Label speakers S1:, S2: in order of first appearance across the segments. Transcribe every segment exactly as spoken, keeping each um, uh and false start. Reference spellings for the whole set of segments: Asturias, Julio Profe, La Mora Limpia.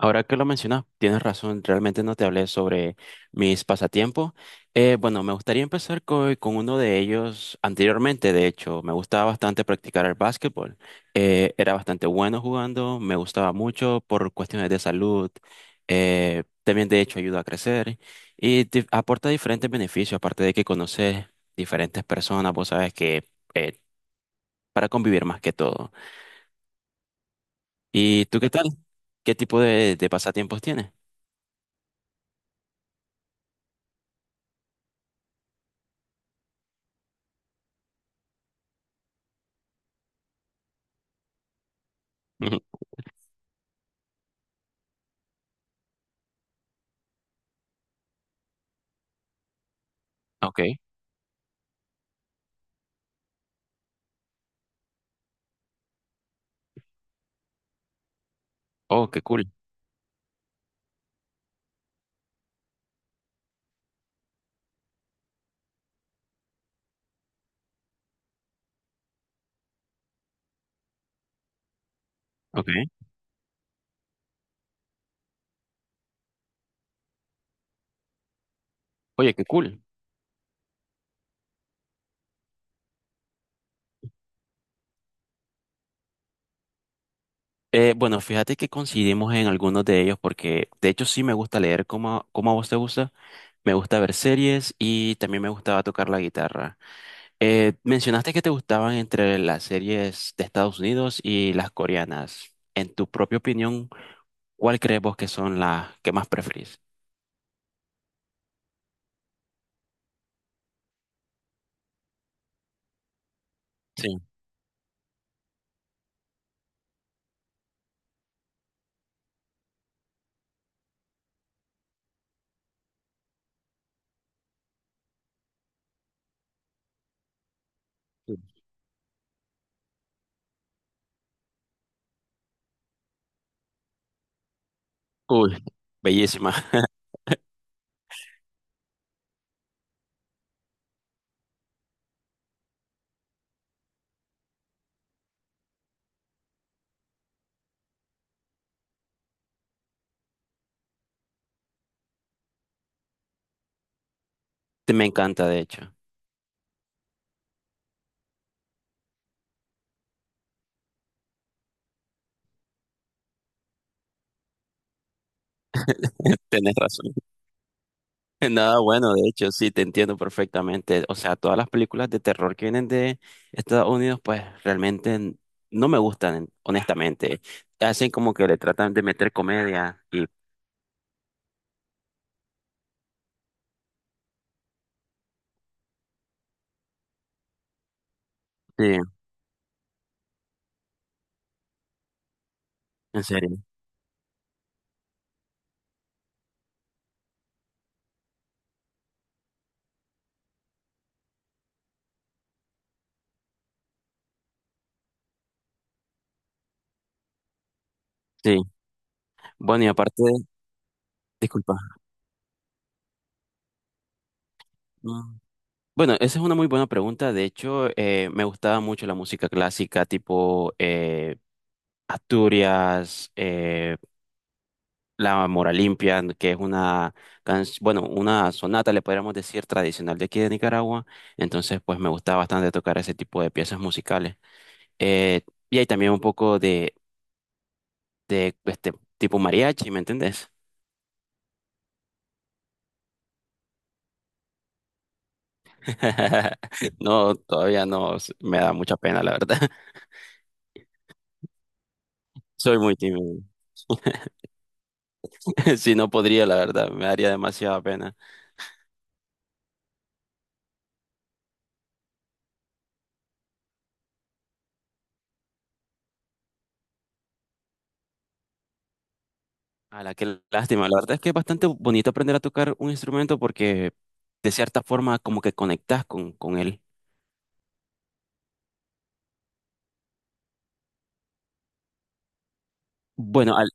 S1: Ahora que lo mencionas, tienes razón, realmente no te hablé sobre mis pasatiempos. Eh, bueno, me gustaría empezar co- con, uno de ellos anteriormente, de hecho, me gustaba bastante practicar el básquetbol. Eh, era bastante bueno jugando, me gustaba mucho por cuestiones de salud, eh, también de hecho ayuda a crecer y te aporta diferentes beneficios, aparte de que conoces diferentes personas, vos sabes que eh, para convivir más que todo. ¿Y tú qué tal? ¿Qué tipo de, de pasatiempos tienes? Ujú. Ok. Oh, qué cool. Ok. Oye, qué cool. Eh, bueno, fíjate que coincidimos en algunos de ellos porque de hecho sí me gusta leer como, como a vos te gusta. Me gusta ver series y también me gustaba tocar la guitarra. Eh, mencionaste que te gustaban entre las series de Estados Unidos y las coreanas. En tu propia opinión, ¿cuál crees vos que son las que más preferís? Sí. Sí. Cool. Bellísima. Te- Me encanta, de hecho. Tenés razón. Nada bueno, de hecho, sí, te entiendo perfectamente. O sea, todas las películas de terror que vienen de Estados Unidos, pues realmente n- no me gustan, honestamente. Hacen como que le tratan de meter comedia y... Sí, en serio, sí. Bueno, y aparte, disculpa. Mm. Bueno, esa es una muy buena pregunta. De hecho, eh, me gustaba mucho la música clásica, tipo eh, Asturias, eh, La Mora Limpia, que es una, can- bueno, una sonata, le podríamos decir, tradicional de aquí de Nicaragua. Entonces, pues me gusta bastante tocar ese tipo de piezas musicales. Eh, y hay también un poco de, de este tipo mariachi, ¿me entendés? No, todavía no, s- me da mucha pena, la verdad. Soy muy tímido. Si no podría, la verdad, me daría demasiada pena. A la que lástima, la verdad es que es bastante bonito aprender a tocar un instrumento porque de cierta forma como que conectas con, con él. Bueno, al,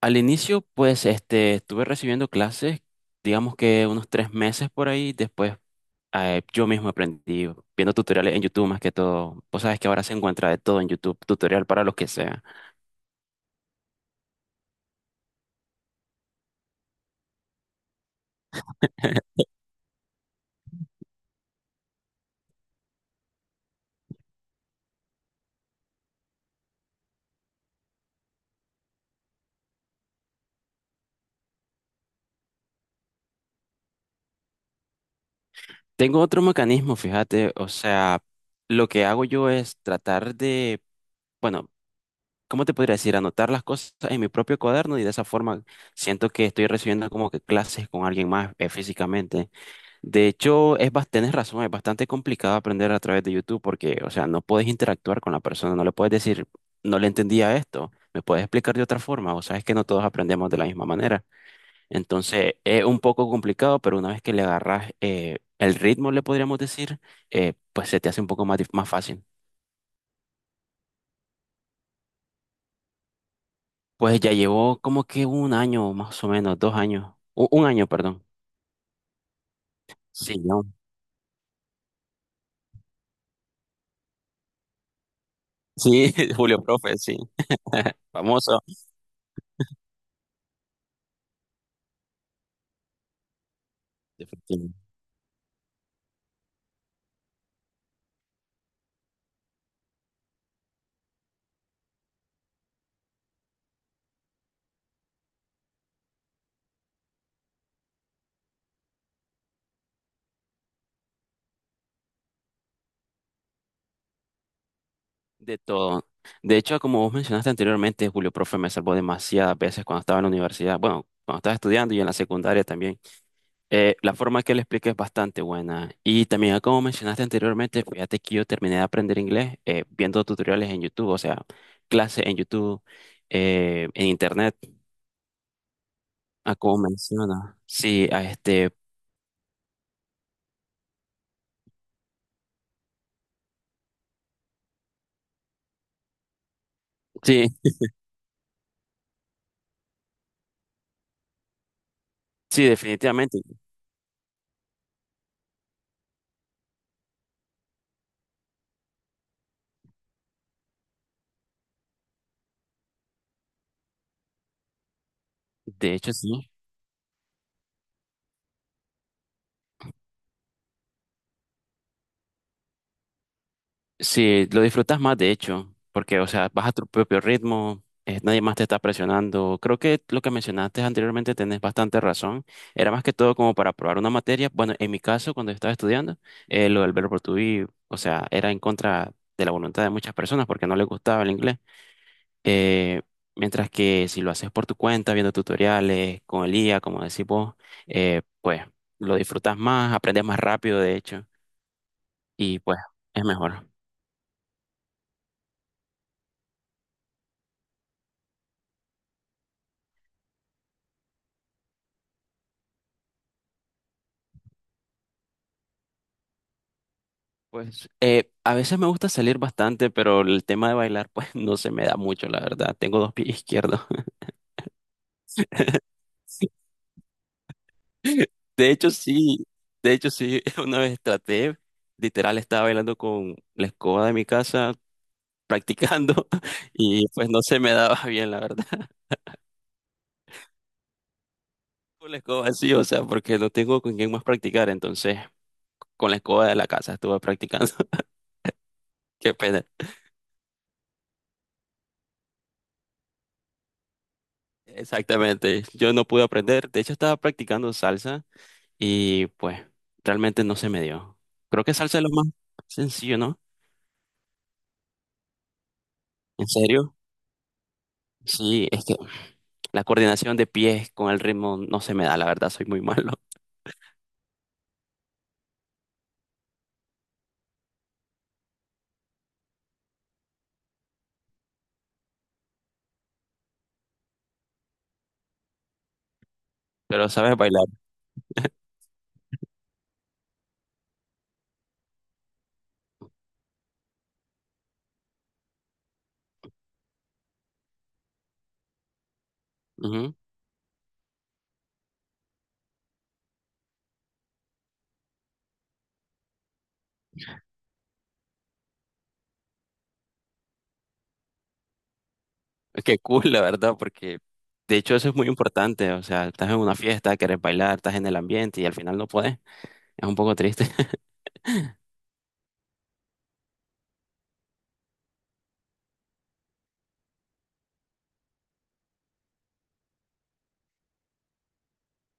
S1: al inicio, pues, este, estuve recibiendo clases, digamos que unos tres meses por ahí. Después, eh, yo mismo aprendí viendo tutoriales en YouTube más que todo. Vos sabes que ahora se encuentra de todo en YouTube, tutorial para lo que sea. Tengo otro mecanismo, fíjate, o sea, lo que hago yo es tratar de, bueno, ¿cómo te podría decir? Anotar las cosas en mi propio cuaderno y de esa forma siento que estoy recibiendo como que clases con alguien más, eh, físicamente. De hecho, es bas- tenés razón, es bastante complicado aprender a través de YouTube porque, o sea, no puedes interactuar con la persona, no le puedes decir, no le entendía esto, me puedes explicar de otra forma, o sea, es que no todos aprendemos de la misma manera. Entonces, es un poco complicado, pero una vez que le agarras eh, el ritmo, le podríamos decir, eh, pues se te hace un poco más, dif- más fácil. Pues ya llevó como que un año, más o menos, dos años, u- un, año, perdón. Sí, ¿no? Sí, Julio Profe, sí, famoso. De todo. De hecho, como vos mencionaste anteriormente, Julio Profe me salvó demasiadas veces cuando estaba en la universidad. Bueno, cuando estaba estudiando y en la secundaria también. Eh, la forma que le expliqué es bastante buena. Y también, como mencionaste anteriormente, fíjate que yo terminé de aprender inglés eh, viendo tutoriales en YouTube, o sea, clases en YouTube, eh, en Internet, a como menciona. Sí, a este, sí, sí, definitivamente. De hecho, sí. Sí, lo disfrutas más, de hecho, porque, o sea, vas a tu propio ritmo, eh, nadie más te está presionando. Creo que lo que mencionaste anteriormente tenés bastante razón. Era más que todo como para probar una materia. Bueno, en mi caso, cuando estaba estudiando, eh, lo del verbo to be, o sea, era en contra de la voluntad de muchas personas porque no les gustaba el inglés. Eh, Mientras que si lo haces por tu cuenta, viendo tutoriales, con el I A, como decís vos, eh, pues lo disfrutas más, aprendes más rápido, de hecho, y pues es mejor. Pues eh, a veces me gusta salir bastante, pero el tema de bailar pues no se me da mucho, la verdad. Tengo dos pies izquierdos. Sí. De hecho sí, de hecho sí, una vez traté, literal estaba bailando con la escoba de mi casa, practicando, y pues no se me daba bien, la verdad. Con la escoba sí, o sea, porque no tengo con quién más practicar, entonces con la escoba de la casa estuve practicando. Qué pena. Exactamente, yo no pude aprender, de hecho estaba practicando salsa. Y pues realmente no se me dio. Creo que salsa es lo más sencillo, ¿no? ¿En serio? Sí, es que la coordinación de pies con el ritmo no se me da, la verdad, soy muy malo. Pero sabes bailar. Ujú. Es que cool, la verdad, porque de hecho eso es muy importante. O sea, estás en una fiesta, quieres bailar, estás en el ambiente y al final no puedes. Es un poco triste.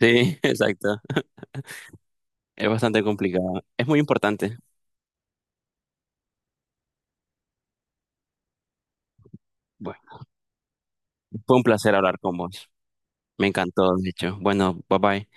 S1: Sí, exacto. Es bastante complicado. Es muy importante. Bueno, fue un placer hablar con vos. Me encantó, de hecho. Bueno, bye bye.